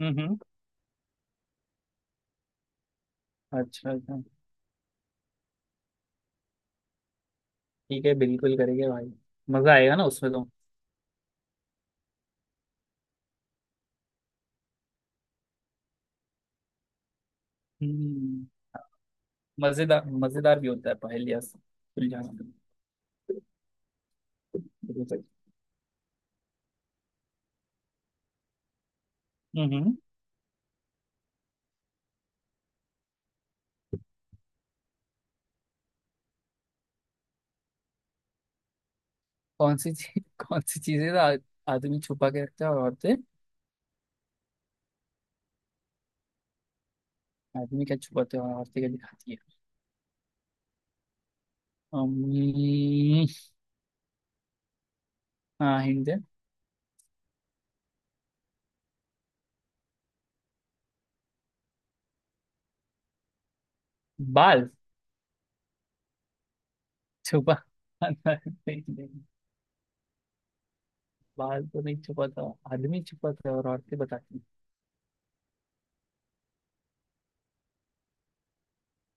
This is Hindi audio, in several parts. हम्म। अच्छा अच्छा। ठीक है, बिल्कुल करेंगे भाई। मजा आएगा ना उसमें तो। हम्म। मजेदार मजेदार भी होता है पहेलियाँ से सुलझाना। बिल्कुल सही। हम्म। कौन सी चीज कौन सी चीजें आदमी छुपा के रखता है और औरतें। आदमी क्या छुपाते हैं और औरतें क्या दिखाती है। अम्म, हाँ हिंट दे। बाल। छुपा। नहीं, नहीं, बाल तो नहीं छुपाता। आदमी छुपाता है और औरतें बताती हैं।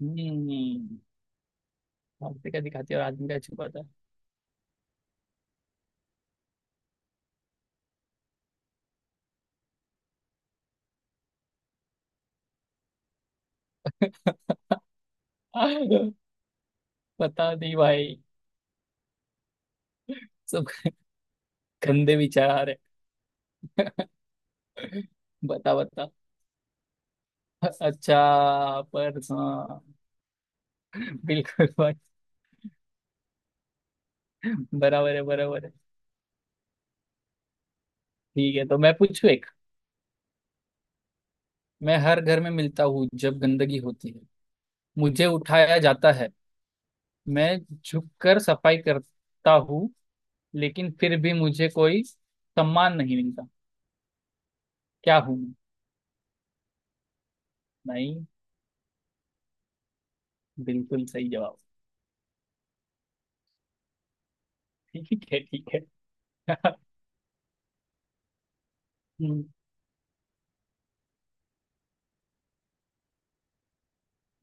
हम्म। औरतें क्या दिखाती है और आदमी क्या छुपाता। है बता दी भाई, सब गंदे विचार है। बता बता। अच्छा, पर हाँ, बिल्कुल भाई। बराबर है बराबर है। ठीक है, तो मैं पूछू एक। मैं हर घर में मिलता हूँ जब गंदगी होती है। मुझे उठाया जाता है। मैं झुककर सफाई करता हूँ। लेकिन फिर भी मुझे कोई सम्मान नहीं मिलता। क्या हूँ मैं? नहीं। बिल्कुल सही जवाब। ठीक है ठीक है। हम्म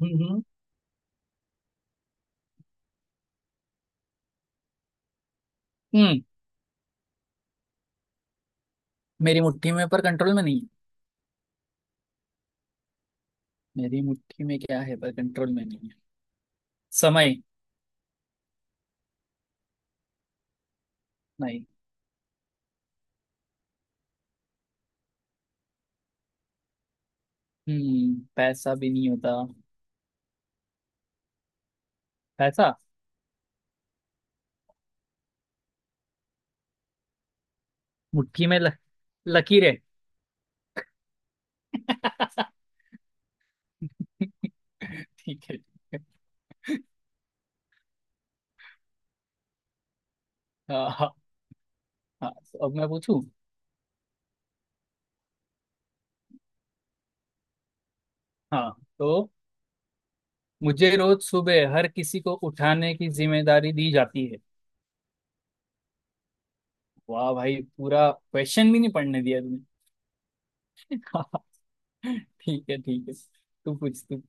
हम्म हम्म। हम्म। मेरी मुट्ठी में, पर कंट्रोल में नहीं। मेरी मुट्ठी में क्या है पर कंट्रोल में नहीं है? समय। नहीं। पैसा भी नहीं होता। पैसा। मुट्ठी में लकीर है। ठीक है ठीक है। हाँ हाँ। हाँ, तो अब मैं पूछूं। हाँ। तो मुझे रोज सुबह हर किसी को उठाने की जिम्मेदारी दी जाती है। वाह भाई, पूरा क्वेश्चन भी नहीं पढ़ने दिया तुमने। हाँ, ठीक है ठीक है। तू पूछ तू।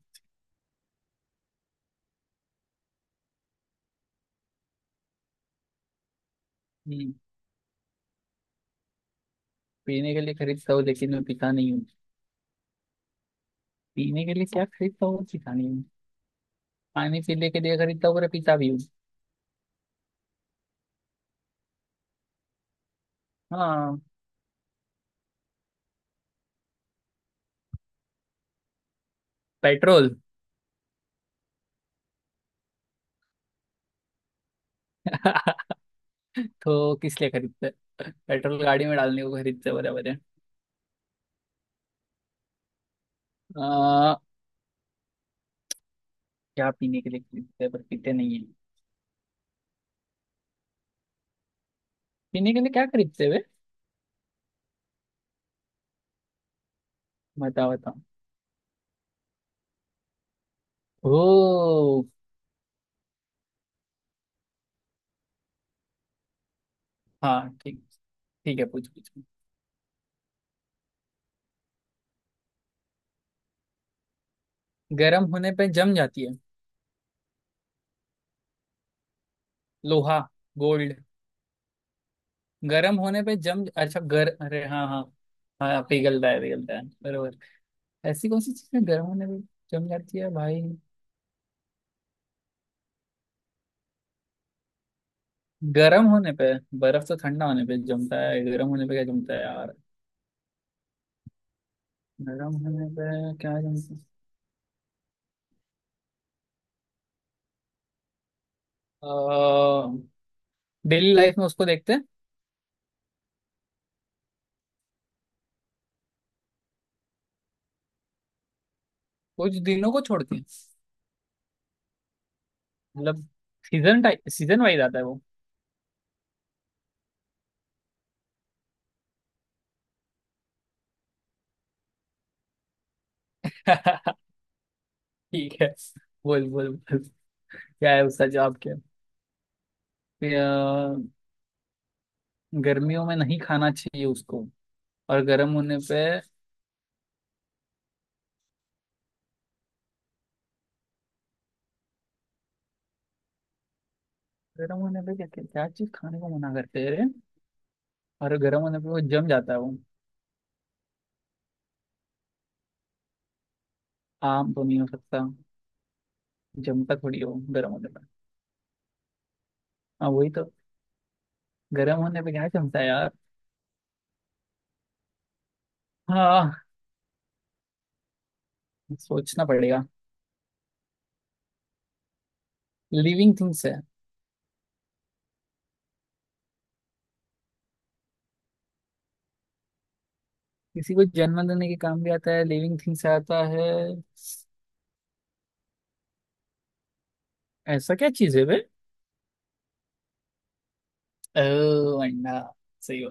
हम्म। पीने के लिए खरीदता हूँ लेकिन मैं पीता नहीं हूँ। पीने के लिए क्या खरीदता हूँ पीता नहीं? पानी पीने के लिए खरीदता हूँ, मेरे पिता भी हूँ। हाँ, पेट्रोल। तो किस लिए खरीदते हैं? पेट्रोल गाड़ी में डालने को खरीदते हैं, बराबर है। आ, क्या पीने के लिए खरीदते हैं पर पीते नहीं है? पीने के लिए क्या खरीदते हैं वे? बताओ बताओ। ओ। हाँ ठीक। ठीक है, पूछ पूछ। गर्म होने पे जम जाती है? लोहा। गोल्ड। गर्म होने पे जम, अच्छा, गर अरे हाँ हाँ। हाँ, पिघलता है पिघलता है, बराबर। ऐसी कौन सी चीज है गर्म होने पे जम जाती है भाई? गर्म होने पे, बर्फ तो ठंडा होने पे जमता है, गर्म होने पे क्या जमता है यार? गर्म होने पे क्या जमता है? डेली लाइफ में उसको देखते हैं। कुछ दिनों को छोड़ के, मतलब सीजन टाइप, सीजन वाइज आता है वो? ठीक है, बोल बोल बोल। क्या है उसका जवाब, क्या है? कि, गर्मियों में नहीं खाना चाहिए उसको। और गर्म होने पे। गर्म होने पे क्या क्या, क्या चीज खाने को मना करते हैं रे? और गर्म होने पे वो जम जाता है वो। आम तो नहीं हो सकता। जमता थोड़ी हो गर्म होने पे। हाँ वही तो। गर्म होने पे क्या जमता है यार? हाँ, सोचना पड़ेगा। लिविंग थिंग्स है। किसी को जन्म देने के काम भी आता है, लिविंग थिंग्स आता है। ऐसा क्या चीज है बे? ओ, अंडा। सही हो।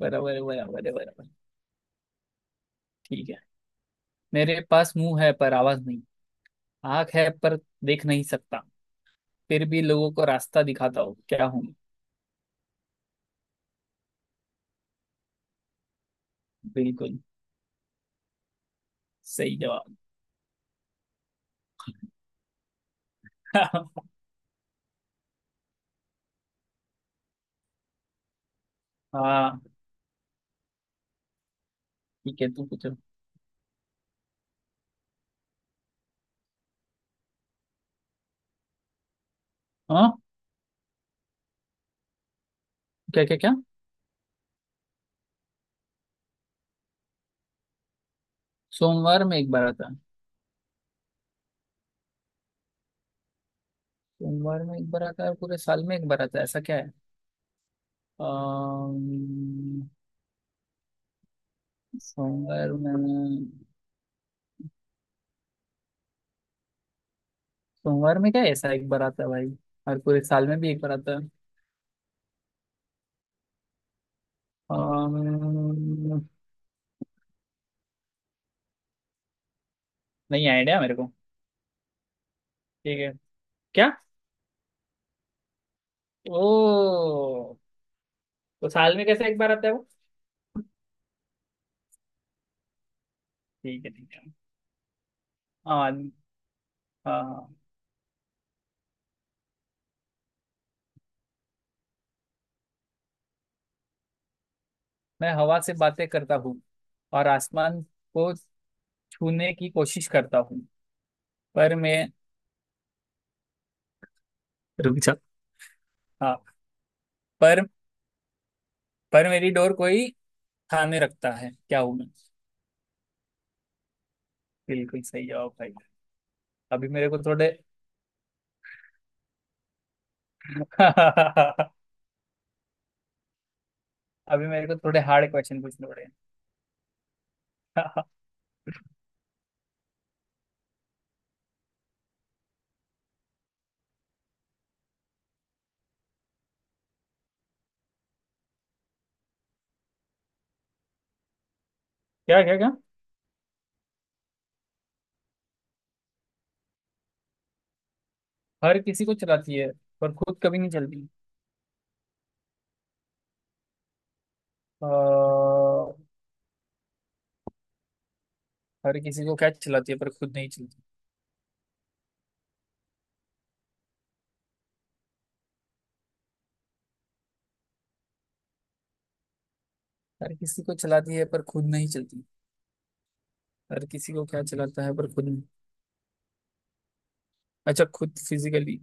बराबर है, बराबर है, बराबर। ठीक है। मेरे पास मुंह है पर आवाज नहीं, आंख है पर देख नहीं सकता, फिर भी लोगों को रास्ता दिखाता हूँ। क्या हूँ मैं? बिल्कुल सही जवाब। हाँ, ठीक है, तू पूछो। हाँ, क्या क्या क्या? सोमवार में एक बार आता है? सोमवार में एक बार आता है और पूरे साल में एक बार आता है, ऐसा क्या है? अम्म, सोमवार में, क्या है ऐसा एक बार आता है भाई? और पूरे साल में भी एक बार आता है। अम्म, नहीं आइडिया मेरे को। ठीक है। क्या? ओ। तो साल में कैसे एक बार आता है वो? ठीक है ठीक है। हाँ हाँ हाँ। मैं हवा से बातें करता हूँ और आसमान को छूने की कोशिश करता हूँ, पर मैं, रुक जा, हाँ, पर पर मेरी डोर कोई खाने रखता है, क्या हूं मैं? बिल्कुल सही जवाब भाई। अभी मेरे को थोड़े। अभी मेरे को थोड़े हार्ड क्वेश्चन पूछने पड़े। क्या क्या क्या? हर किसी को चलाती है पर खुद कभी नहीं चलती? अह। हर किसी को क्या चलाती है पर खुद नहीं चलती? हर किसी को चलाती है पर खुद नहीं चलती? हर किसी को क्या चलाता है पर खुद नहीं? अच्छा, खुद फिजिकली।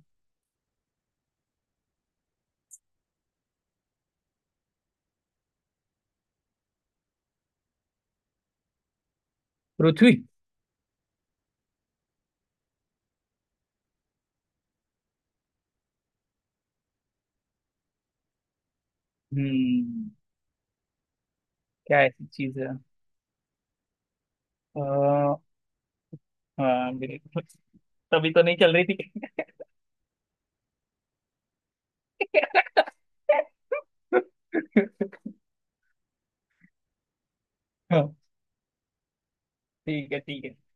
पृथ्वी। हम्म। क्या ऐसी चीज है? अह, हाँ बिल्कुल। तभी तो नहीं चल रही थी। हाँ, ठीक है ठीक है।